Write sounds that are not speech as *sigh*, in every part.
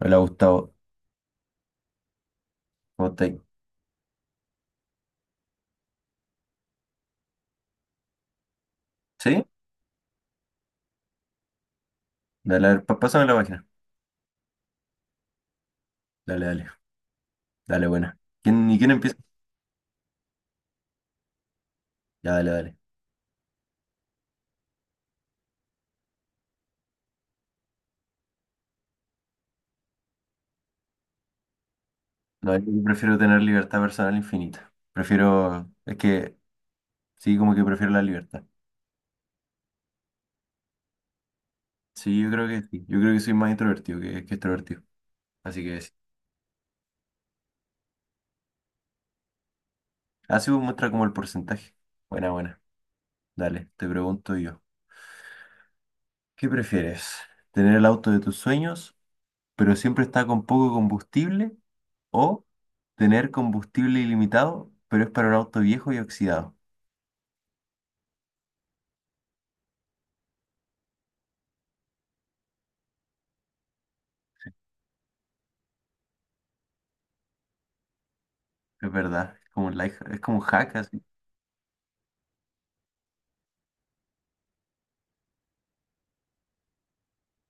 Hola Gustavo, ¿cómo estáis? ¿Sí? Dale, a ver, pásame la página. Dale, dale, dale, buena. ¿Y quién empieza? Ya, dale, dale. No, yo prefiero tener libertad personal infinita. Prefiero, es que, sí, como que prefiero la libertad. Sí, yo creo que sí. Yo creo que soy más introvertido que extrovertido. Así que sí. Así muestra como el porcentaje. Buena, buena. Dale, te pregunto yo. ¿Qué prefieres? ¿Tener el auto de tus sueños, pero siempre está con poco combustible? O tener combustible ilimitado, pero es para un auto viejo y oxidado. Es verdad, es como un es como un hack así.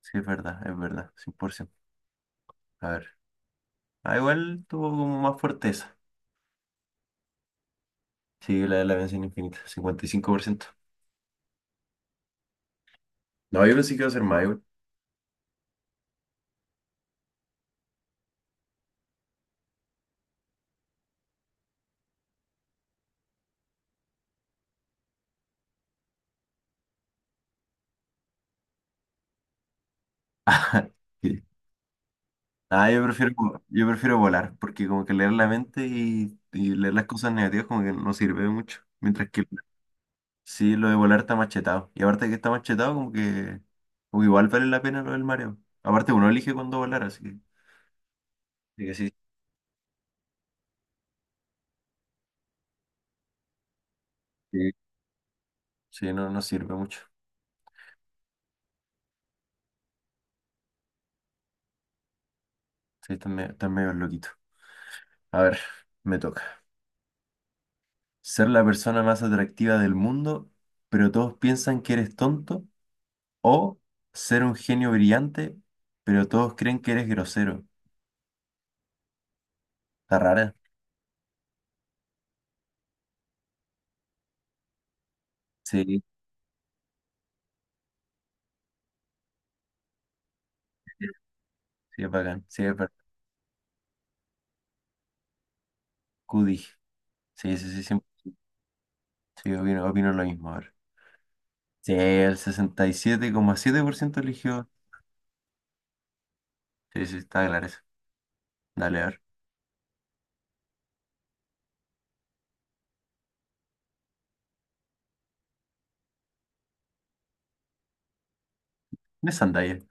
Sí, es verdad, 100%. A ver. Ah, igual tuvo como más fortaleza. Sí, la de la bendición infinita, 55%. No, yo pensé que iba a ser más, igual. *laughs* Sí. Ah, yo prefiero, yo prefiero volar, porque como que leer la mente y leer las cosas negativas como que no sirve de mucho. Mientras que sí, lo de volar está machetado. Y aparte que está machetado, como que igual vale la pena lo del mareo. Aparte, uno elige cuándo volar, así que sí, sí, sí, no, no sirve mucho. Sí, está medio loquito. A ver, me toca. Ser la persona más atractiva del mundo, pero todos piensan que eres tonto. O ser un genio brillante, pero todos creen que eres grosero. Está rara. Sí, sí, es bacán. Sí, es verdad. Cudi. Sí, sí, sí, siempre. Sí, opino lo mismo. A ver. Sí, el 67,7% eligió. Sí, sí, está claro eso. Dale, a ver. ¿Qué es sandalia?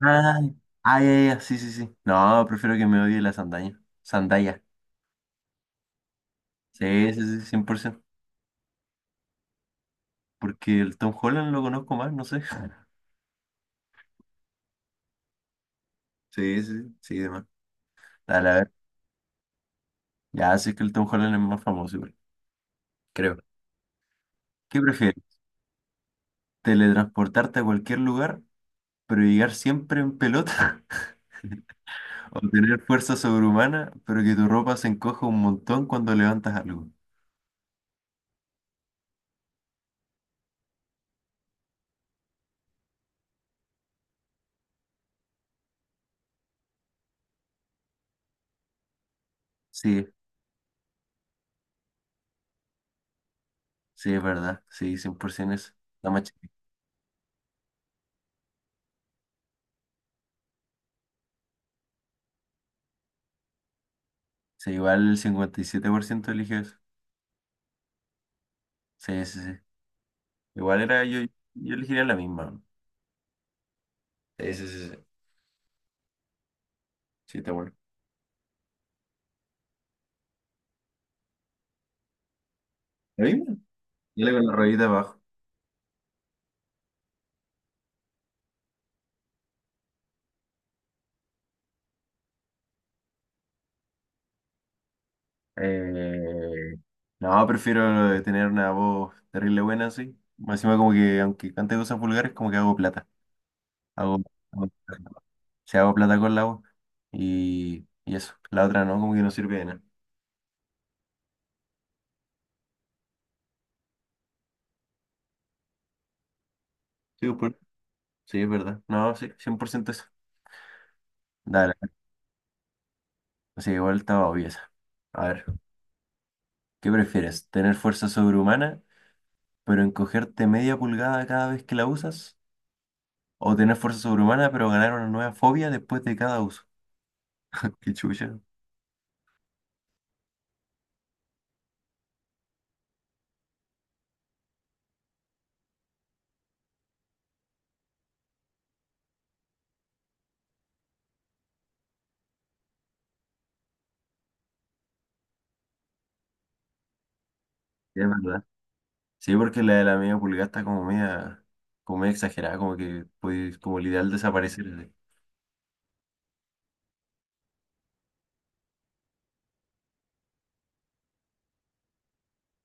Ay, ay, ay, ay, sí, sí, sí. No, prefiero que me odie la sandaña. Sandalia. Sí, sí, sí, 100%. Porque el Tom Holland lo conozco más, no sé. *laughs* Sí, sí, sí, sí, demás. Dale, a ver. Ya, sí que el Tom Holland es más famoso, igual, creo. ¿Qué prefieres? ¿Teletransportarte a cualquier lugar, pero llegar siempre en pelota? *laughs* ¿O tener fuerza sobrehumana, pero que tu ropa se encoja un montón cuando levantas algo? Sí. Sí, es verdad. Sí, 100% eso. La más chica. Sí, igual el 57% eligió eso. Sí, sí, sí. Igual era yo elegiría la misma. Sí, sí, sí, sí. Sí, está bueno. ¿La misma? Yo le con la ruedita abajo. Eh, no, prefiero tener una voz terrible buena, sí. Más encima como que, aunque cante cosas vulgares, como que hago plata. Hago, hago, sí, hago plata con la voz. Y eso. La otra no, como que no sirve de nada. Sí, pues, sí, es verdad. No, sí, 100% eso. Dale. Sí, igual estaba obvio esa. A ver, ¿qué prefieres? ¿Tener fuerza sobrehumana, pero encogerte media pulgada cada vez que la usas? ¿O tener fuerza sobrehumana, pero ganar una nueva fobia después de cada uso? *laughs* Qué chucha. Sí, es verdad. Sí, porque la de la media pulgada está como media exagerada, como que puedes, como el ideal desaparecer. Así.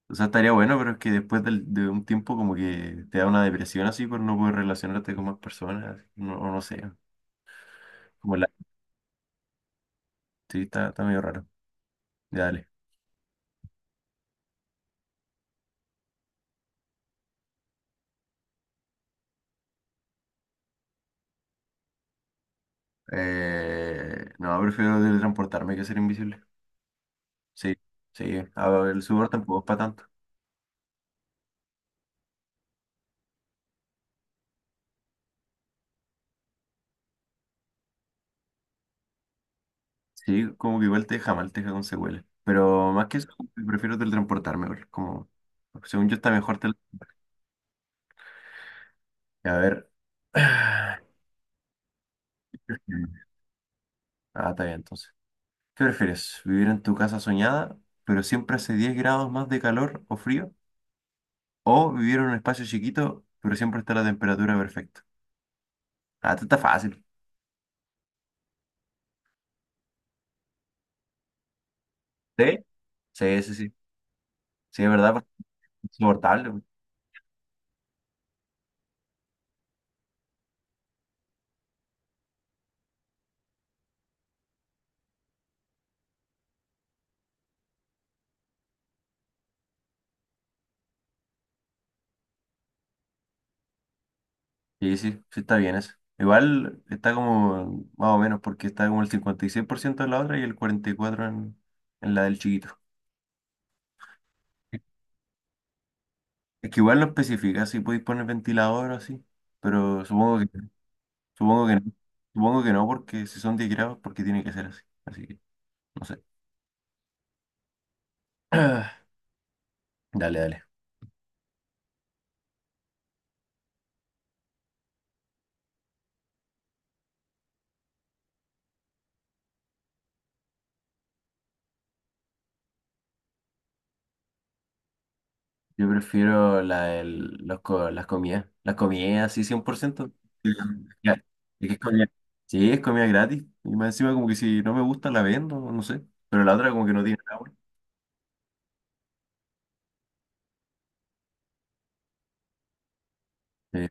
O sea, estaría bueno, pero es que después de, un tiempo como que te da una depresión así por no poder relacionarte con más personas, así, no, o no sé. Como la. Sí, está medio raro. Ya, dale. No, prefiero teletransportarme que ser invisible. Sí, sí. A ver, el sudor tampoco es para tanto. Sí, como que igual te deja mal, te deja con secuelas. Pero más que eso, prefiero teletransportarme, igual, como, según yo está mejor A ver. *sighs* Ah, está bien, entonces. ¿Qué prefieres? ¿Vivir en tu casa soñada, pero siempre hace 10 grados más de calor o frío? ¿O vivir en un espacio chiquito, pero siempre está la temperatura perfecta? Ah, esto está fácil. ¿Sí? Sí, sí, sí. Sí, es verdad, pues, insoportable. Sí, sí, sí está bien eso. Igual está como más o menos porque está como el 56% en la otra y el 44% en la del chiquito. Es que igual no especifica si podéis poner ventilador o así, pero supongo que no, supongo que no porque si son 10 grados porque tiene que ser así. Así que no sé. *clears throat* Dale, dale. Yo prefiero las comidas. Las comidas, sí, 100%. Sí, ya. Es que es comida. Sí, es comida gratis. Y más encima, como que si no me gusta, la vendo, no sé. Pero la otra, como que no tiene nada bueno. Sí,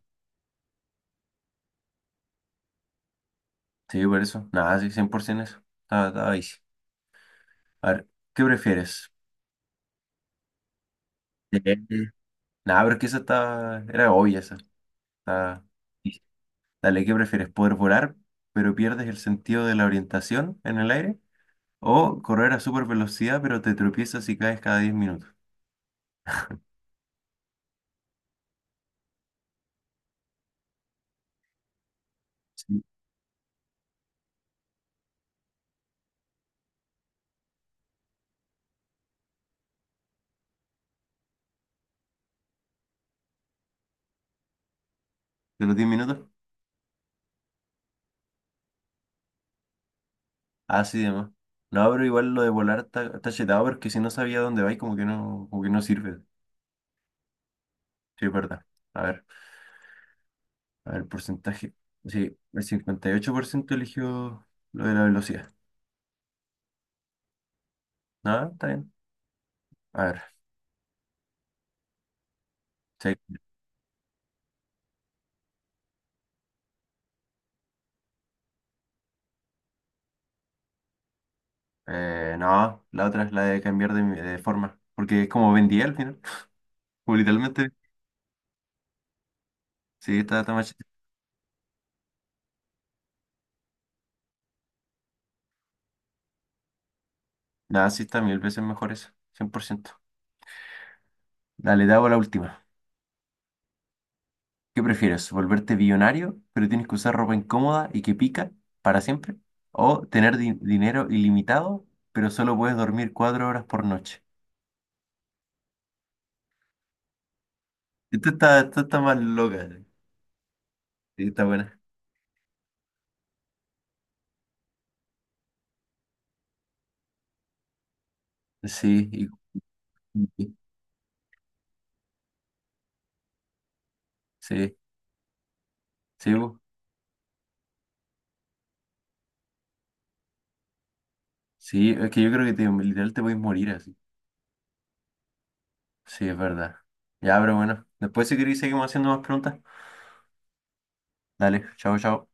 sí, por eso. Nada, sí, 100% eso. Estaba easy. A ver, ¿qué prefieres? Eh, Nada, pero es que esa está. Era obvia esa. Está easy. Dale, ¿qué prefieres? ¿Poder volar, pero pierdes el sentido de la orientación en el aire? ¿O correr a super velocidad, pero te tropiezas y caes cada 10 minutos? Sí. ¿De los 10 minutos? Ah, sí, demás. No, pero igual lo de volar está chetado porque si no sabía dónde vais, como que no sirve. Sí, es verdad. A ver, a ver, porcentaje. Sí, el 58% eligió lo de la velocidad. No, está bien. A ver, sí. No, la otra es la de cambiar de forma. Porque es como vendía al final. *laughs* Como literalmente. Sí, está más chetado. Nada, sí está mil veces mejor eso. 100%. Dale, te hago la última. ¿Qué prefieres? ¿Volverte billonario, pero tienes que usar ropa incómoda y que pica para siempre? ¿O tener dinero ilimitado, pero solo puedes dormir 4 horas por noche? Esto está más loca. Sí, está buena. Sí, y- sí, sí, bu, sí, es que yo creo que literal te puedes morir así. Sí, es verdad. Ya, pero bueno, después si queréis seguimos haciendo más preguntas. Dale, chao, chao.